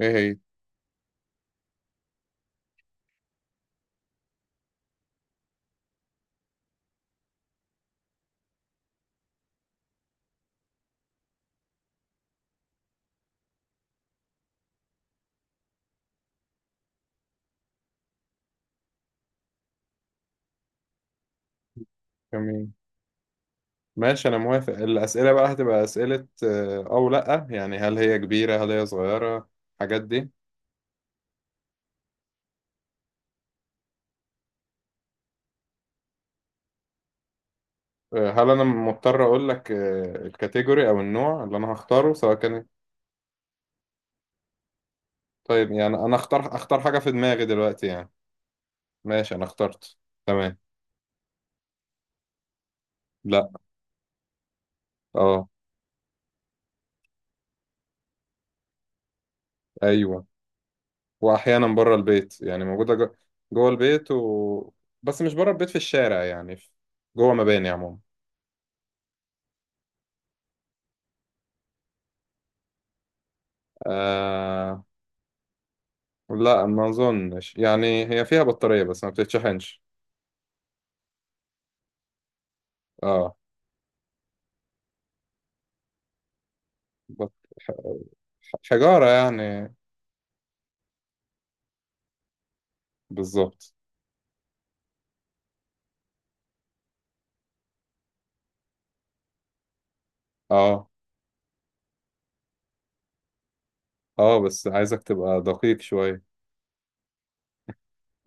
ايه هي؟ جميل. ماشي، انا موافق. الاسئله بقى هتبقى اسئله او لا؟ يعني هل هي كبيره، هل هي صغيره الحاجات دي؟ هل انا مضطر اقول لك الكاتيجوري او النوع اللي انا هختاره سواء كان؟ طيب، يعني انا اختار حاجه في دماغي دلوقتي يعني. ماشي، انا اخترت. تمام. لا. اه. ايوه. واحيانا بره البيت، يعني موجوده جوه البيت و... بس مش بره البيت في الشارع يعني جوه مباني عموما. آه لا، ما اظنش، يعني هي فيها بطارية بس ما بتتشحنش. اه. بط... ح- حجارة يعني. بالظبط. اه اه، بس عايزك تبقى دقيق شوية.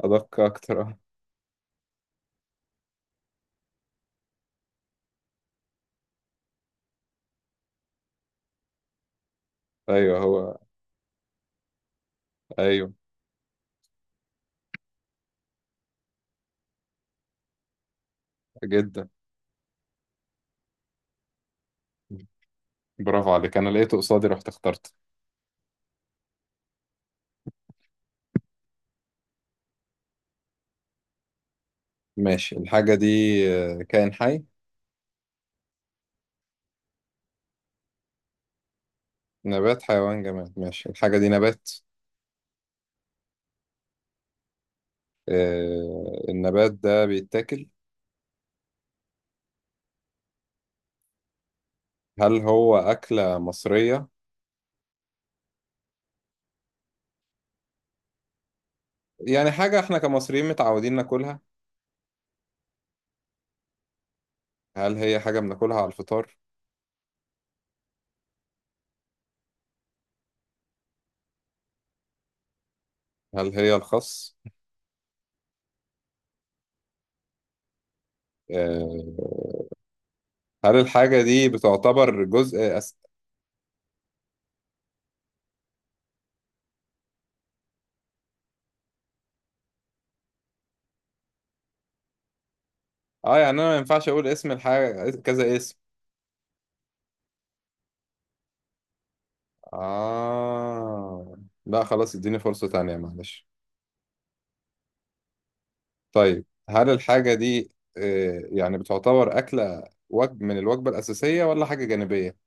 ادق اكتر، اه. ايوه هو. ايوه. جدا. برافو عليك، انا لقيته قصادي رحت اخترت. ماشي. الحاجة دي كائن حي. نبات حيوان جماد، ماشي. الحاجة دي نبات. النبات ده بيتاكل؟ هل هو أكلة مصرية؟ يعني حاجة احنا كمصريين متعودين ناكلها؟ هل هي حاجة بناكلها على الفطار؟ هل هي الخس؟ آه، هل الحاجة دي بتعتبر جزء اه، يعني انا ما ينفعش اقول اسم الحاجة كذا اسم؟ اه، لا خلاص اديني فرصة تانية معلش. طيب، هل الحاجة دي يعني بتعتبر أكلة، وجب من الوجبة الأساسية ولا حاجة جانبية؟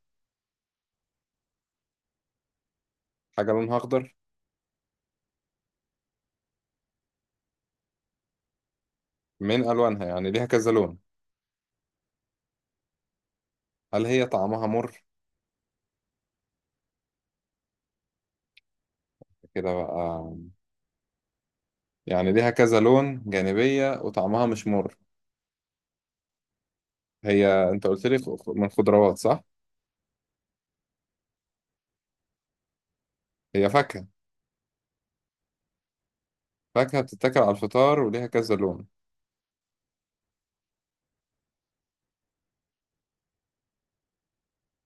حاجة لونها أخضر. من ألوانها، يعني ليها كذا لون؟ هل هي طعمها مر؟ كده بقى، يعني ليها كذا لون جانبية وطعمها مش مر. هي انت قلت لي من خضروات صح؟ هي فاكهة؟ فاكهة بتتاكل على الفطار وليها كذا لون.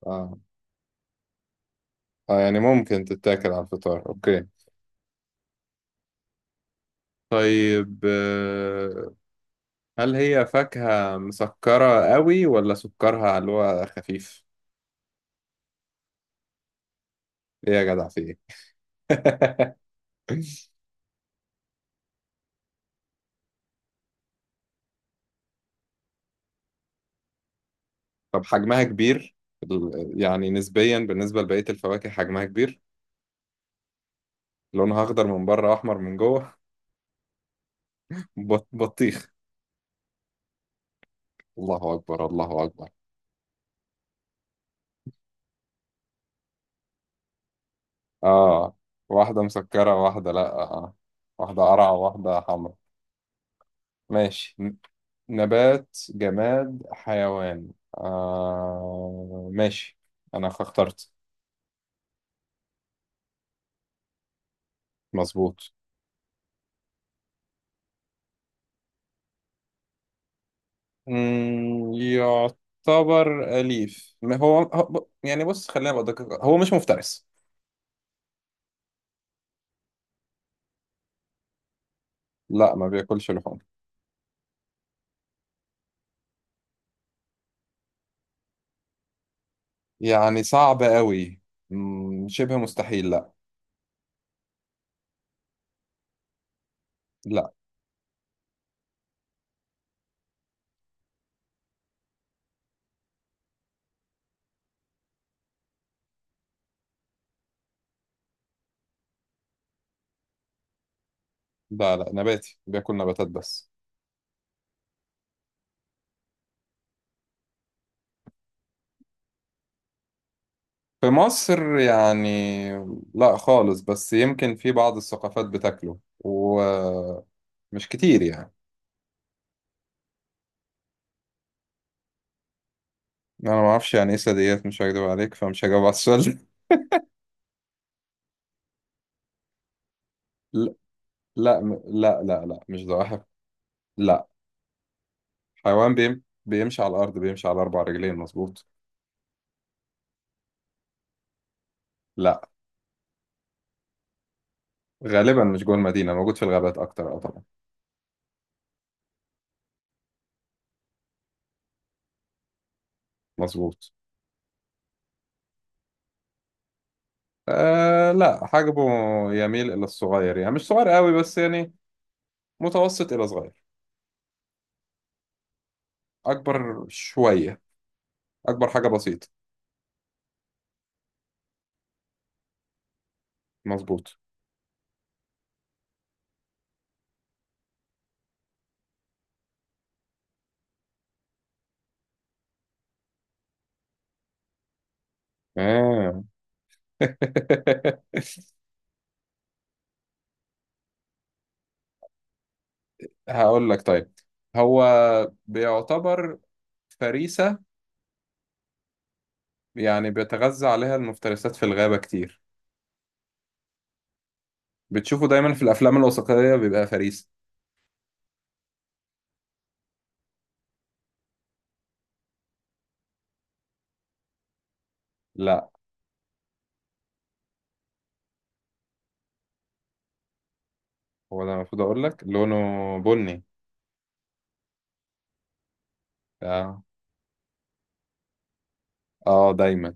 اه، يعني ممكن تتاكل على الفطار، اوكي. طيب، هل هي فاكهة مسكرة قوي ولا سكرها اللي هو خفيف؟ ايه يا جدع، في ايه؟ طب حجمها كبير، يعني نسبيا بالنسبة لبقية الفواكه حجمها كبير؟ لونها اخضر من بره واحمر من جوه. بطيخ. الله اكبر، الله اكبر. اه، واحدة مسكرة واحدة لأ، آه. واحدة قرعة واحدة حمرا. ماشي. نبات جماد حيوان. ماشي، أنا اخترت. مظبوط. يعتبر أليف، ما هو يعني بص خلينا بدقق، هو مش مفترس. لا، ما بياكلش لحوم. يعني صعب قوي. شبه مستحيل، لا. لا. لا لا، نباتي بياكل نباتات بس. في مصر يعني، لا خالص، بس يمكن في بعض الثقافات بتاكله ومش كتير يعني. انا ما اعرفش يعني ايه ساديات، مش هكدب عليك فمش هجاوب على السؤال ده. لا لا لا لا لا، مش ضعف. لا. حيوان بيمشي على الارض، بيمشي على اربع رجلين، مظبوط. لا، غالبا مش جوه المدينه، موجود في الغابات اكتر، اه طبعا. مظبوط. لا، حجمه يميل الى الصغير، يعني مش صغير قوي بس يعني متوسط الى صغير. اكبر شويه. اكبر حاجه بسيطه. مظبوط. آه. هقول لك، طيب. هو بيعتبر فريسة، يعني بيتغذى عليها المفترسات في الغابة كتير، بتشوفه دايما في الأفلام الوثائقية بيبقى فريسة. لا، هو ده المفروض أقول لك، لونه بني. آه. آه، دايما.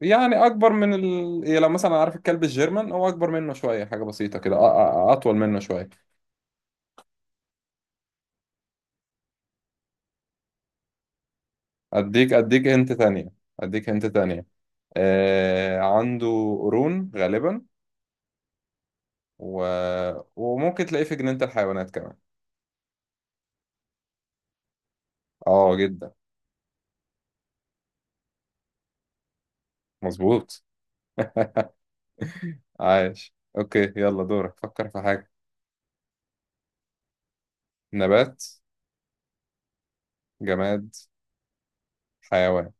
يعني أكبر من يعني لو مثلا عارف الكلب الجيرمان، هو أكبر منه شوية حاجة بسيطة كده، أطول منه شوية. أديك هنت تانية. أديك هنت تانية. آه. عنده قرون غالبا و... وممكن تلاقيه في جنينة الحيوانات كمان. اه جدا. مظبوط. عايش، اوكي يلا دورك، فكر في حاجة. نبات. جماد. حيوان.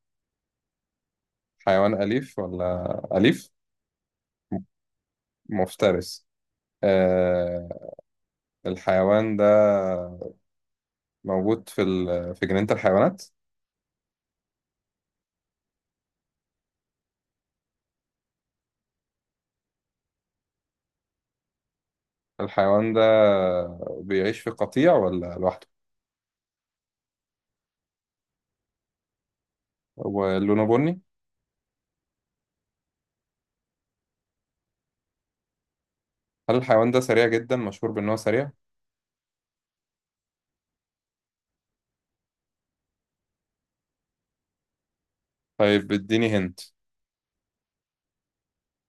حيوان أليف ولا أليف؟ م- مفترس. آه الحيوان ده موجود في في جنينة الحيوانات؟ الحيوان ده بيعيش في قطيع ولا لوحده؟ ولونه بني؟ هل الحيوان ده سريع جدا، مشهور بأنه سريع؟ طيب اديني هنت،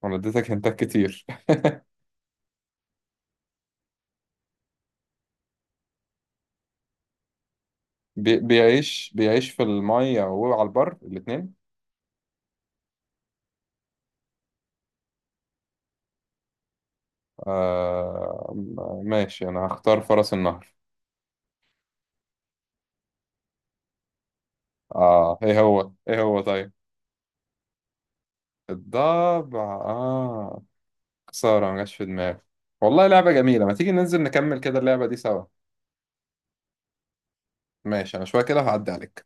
انا اديتك هنتات كتير. بيعيش في المية وعلى البر الاتنين؟ آه ماشي، أنا هختار فرس النهر. آه، إيه هو، إيه هو؟ طيب. الضبع، آه. خسارة ما جاش في دماغي. والله لعبة جميلة، ما تيجي ننزل نكمل كده اللعبة دي سوا؟ ماشي، أنا شوية كده هعدي عليك.